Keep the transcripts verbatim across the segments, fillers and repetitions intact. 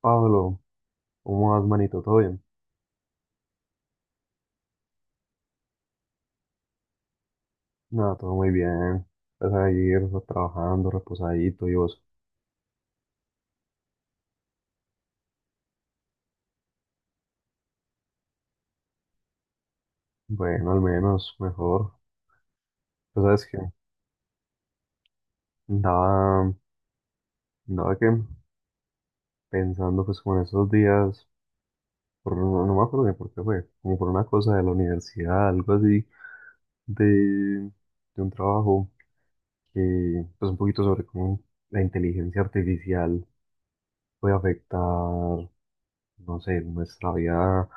Pablo, ¿cómo vas, manito? ¿Todo bien? Nada, todo muy bien. Pues ahí, pues, trabajando, reposadito y vos. Bueno, al menos, mejor. Pues sabes que andaba, andaba que pensando pues como en esos días, por, no, no me acuerdo bien por qué fue, como por una cosa de la universidad, algo así, de, de un trabajo que, pues un poquito sobre cómo la inteligencia artificial puede afectar no sé, nuestra vida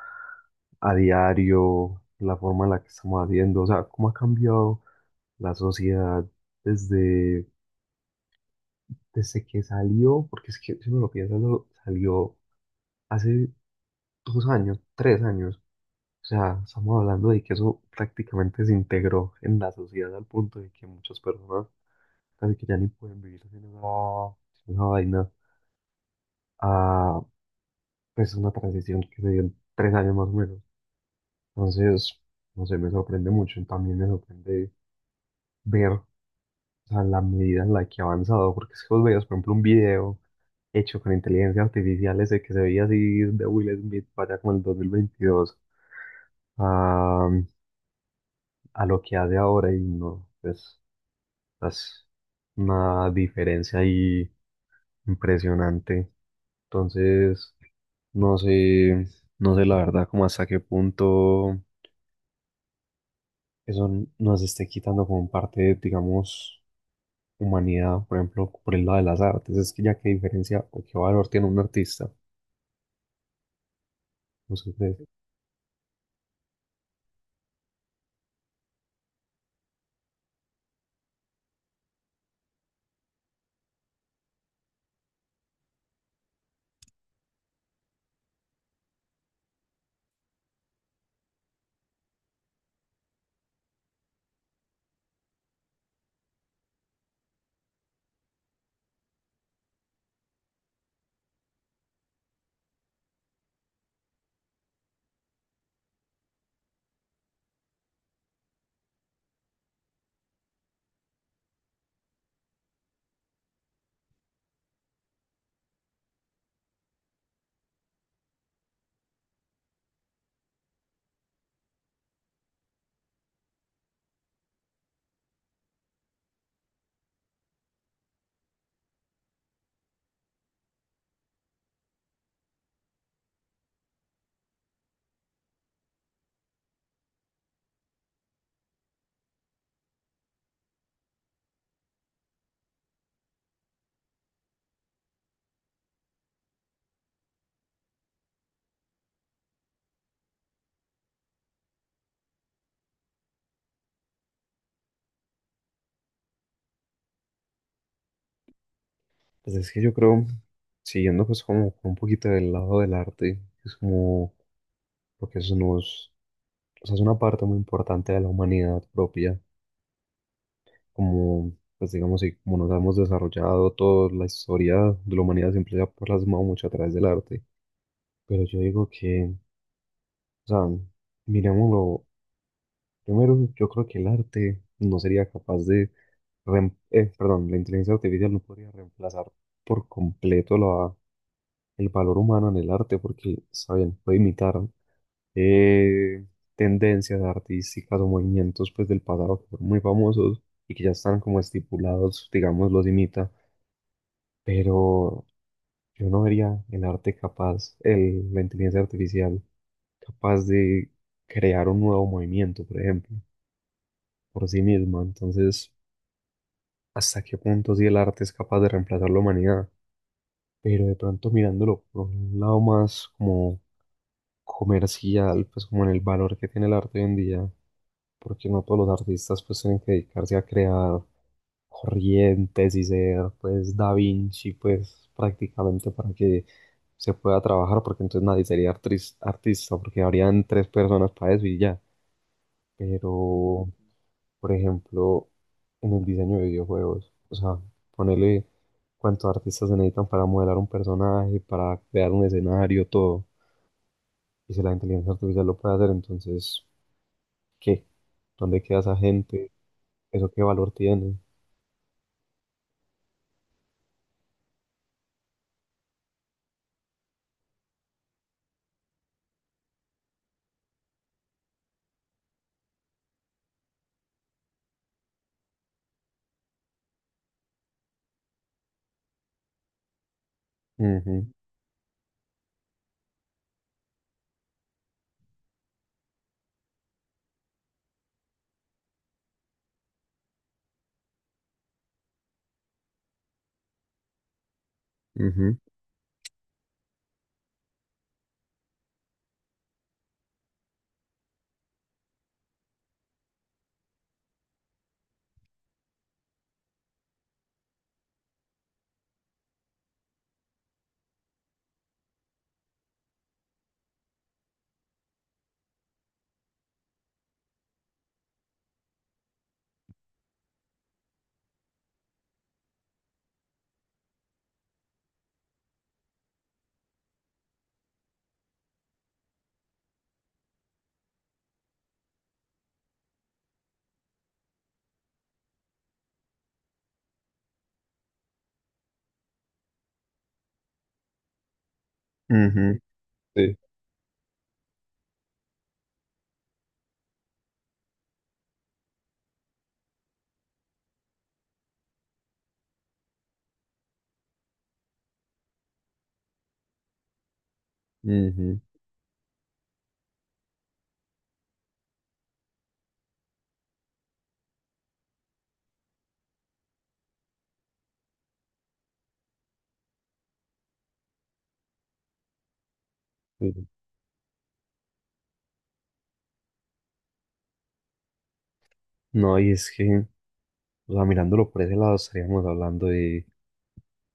a diario, la forma en la que estamos haciendo, o sea, cómo ha cambiado la sociedad desde, desde que salió, porque es que si uno lo piensa, lo- salió hace dos años, tres años, o sea, estamos hablando de que eso prácticamente se integró en la sociedad al punto de que muchas personas casi que ya ni pueden vivir sin esa, sin esa vaina, a pues una transición que se dio en tres años más o menos. Entonces, no sé, me sorprende mucho, y también me sorprende ver, o sea, la medida en la que ha avanzado, porque es que vos veías, por ejemplo, un video hecho con inteligencia artificial ese que se veía así de Will Smith para allá como el dos mil veintidós a, a lo que hace ahora y no, pues, es una diferencia ahí impresionante. Entonces, no sé, no sé la verdad como hasta qué punto eso nos esté quitando como parte, digamos, humanidad, por ejemplo, por el lado de las artes, es que ya qué diferencia o qué valor tiene un artista, no sé ustedes. Pues es que yo creo, siguiendo pues como un poquito del lado del arte, es como, porque eso nos, o sea, es una parte muy importante de la humanidad propia, como, pues digamos, y como nos hemos desarrollado toda la historia de la humanidad siempre se ha plasmado mucho a través del arte, pero yo digo que, o sea, miremoslo, primero yo creo que el arte no sería capaz de rem- eh, perdón, la inteligencia artificial no podría reemplazar por completo la- el valor humano en el arte porque, saben, puede imitar eh, tendencias artísticas o movimientos pues, del pasado que fueron muy famosos y que ya están como estipulados, digamos, los imita, pero yo no vería el arte capaz, el- la inteligencia artificial capaz de crear un nuevo movimiento, por ejemplo, por sí misma. Entonces, ¿hasta qué punto si el arte es capaz de reemplazar la humanidad? Pero de pronto mirándolo por un lado más como comercial, pues como en el valor que tiene el arte hoy en día, porque no todos los artistas pues tienen que dedicarse a crear corrientes y ser pues Da Vinci pues prácticamente para que se pueda trabajar, porque entonces nadie sería artris- artista, porque habrían tres personas para eso y ya, pero por ejemplo, en el diseño de videojuegos. O sea, ponerle cuántos artistas se necesitan para modelar un personaje, para crear un escenario, todo. Y si la inteligencia artificial lo puede hacer, entonces, ¿qué? ¿Dónde queda esa gente? ¿Eso qué valor tiene? Ujú, ujú, ujú, sí, ujú, sí. No, y es que, o sea, mirándolo por ese lado, estaríamos hablando de,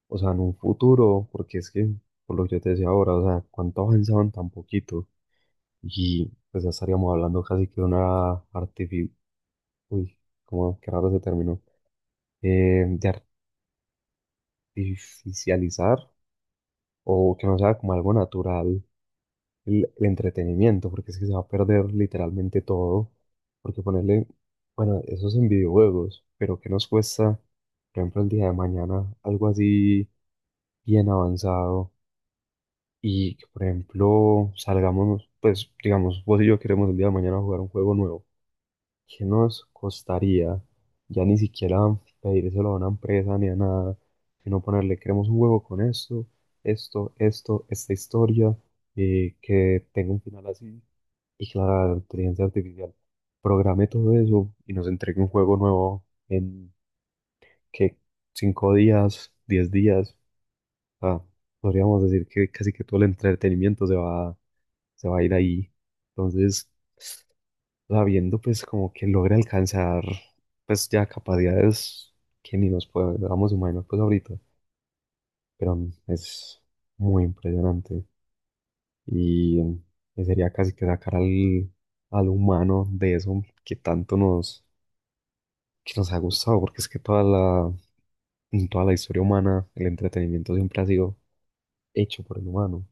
o sea, en un futuro, porque es que, por lo que yo te decía ahora, o sea, cuánto avanzaban tan poquito. Y pues ya estaríamos hablando casi que de una artificial, uy, como que raro se terminó, eh, de artificializar o que no sea como algo natural el, el entretenimiento, porque es que se va a perder literalmente todo, porque ponerle, bueno, eso es en videojuegos, pero ¿qué nos cuesta, por ejemplo, el día de mañana algo así bien avanzado y que, por ejemplo, salgamos, pues digamos, vos y yo queremos el día de mañana jugar un juego nuevo? ¿Qué nos costaría? Ya ni siquiera pedírselo a una empresa ni a nada, sino ponerle, queremos un juego con esto, esto, esto, esta historia, eh, que tenga un final así, y que la inteligencia artificial programe todo eso y nos entregue un juego nuevo en que cinco días, diez días. O sea, podríamos decir que casi que todo el entretenimiento se va, se va a ir ahí. Entonces, sabiendo pues como que logra alcanzar pues ya capacidades que ni nos podamos imaginar pues ahorita, pero mm, es muy impresionante y, mm, y sería casi que sacar al, al humano de eso que tanto nos, que nos ha gustado, porque es que toda la, en toda la historia humana el entretenimiento siempre ha sido hecho por el humano.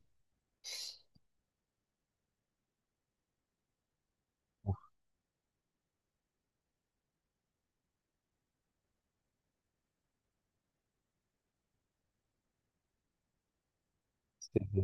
Sí, sí,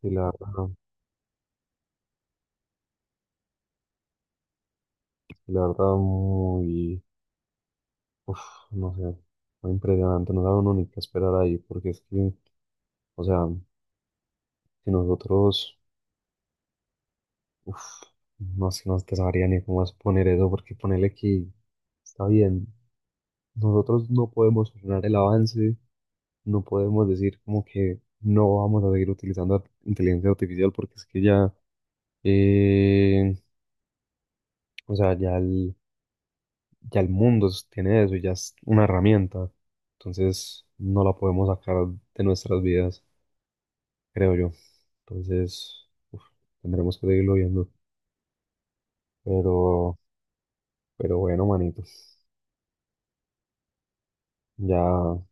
sí, la verdad, sí, la verdad muy, uf, no sé, muy impresionante, no sabe uno ni qué esperar ahí, porque es que o sea, si nosotros, uf, no sé, no te sabría ni cómo exponer eso, porque ponerle que está bien. Nosotros no podemos frenar el avance, no podemos decir como que no vamos a seguir utilizando ar- inteligencia artificial, porque es que ya, eh, o sea, ya el, ya el mundo es- tiene eso, ya es una herramienta. Entonces, no la podemos sacar de nuestras vidas, creo yo. Entonces, uf, tendremos que seguirlo viendo, pero. Pero bueno, manitos. Ya,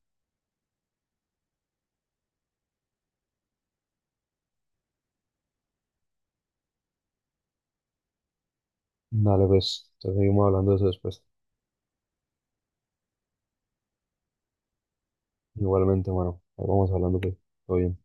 dale pues. Entonces seguimos hablando de eso después. Igualmente, mano. Ahí vamos hablando pues. Todo bien.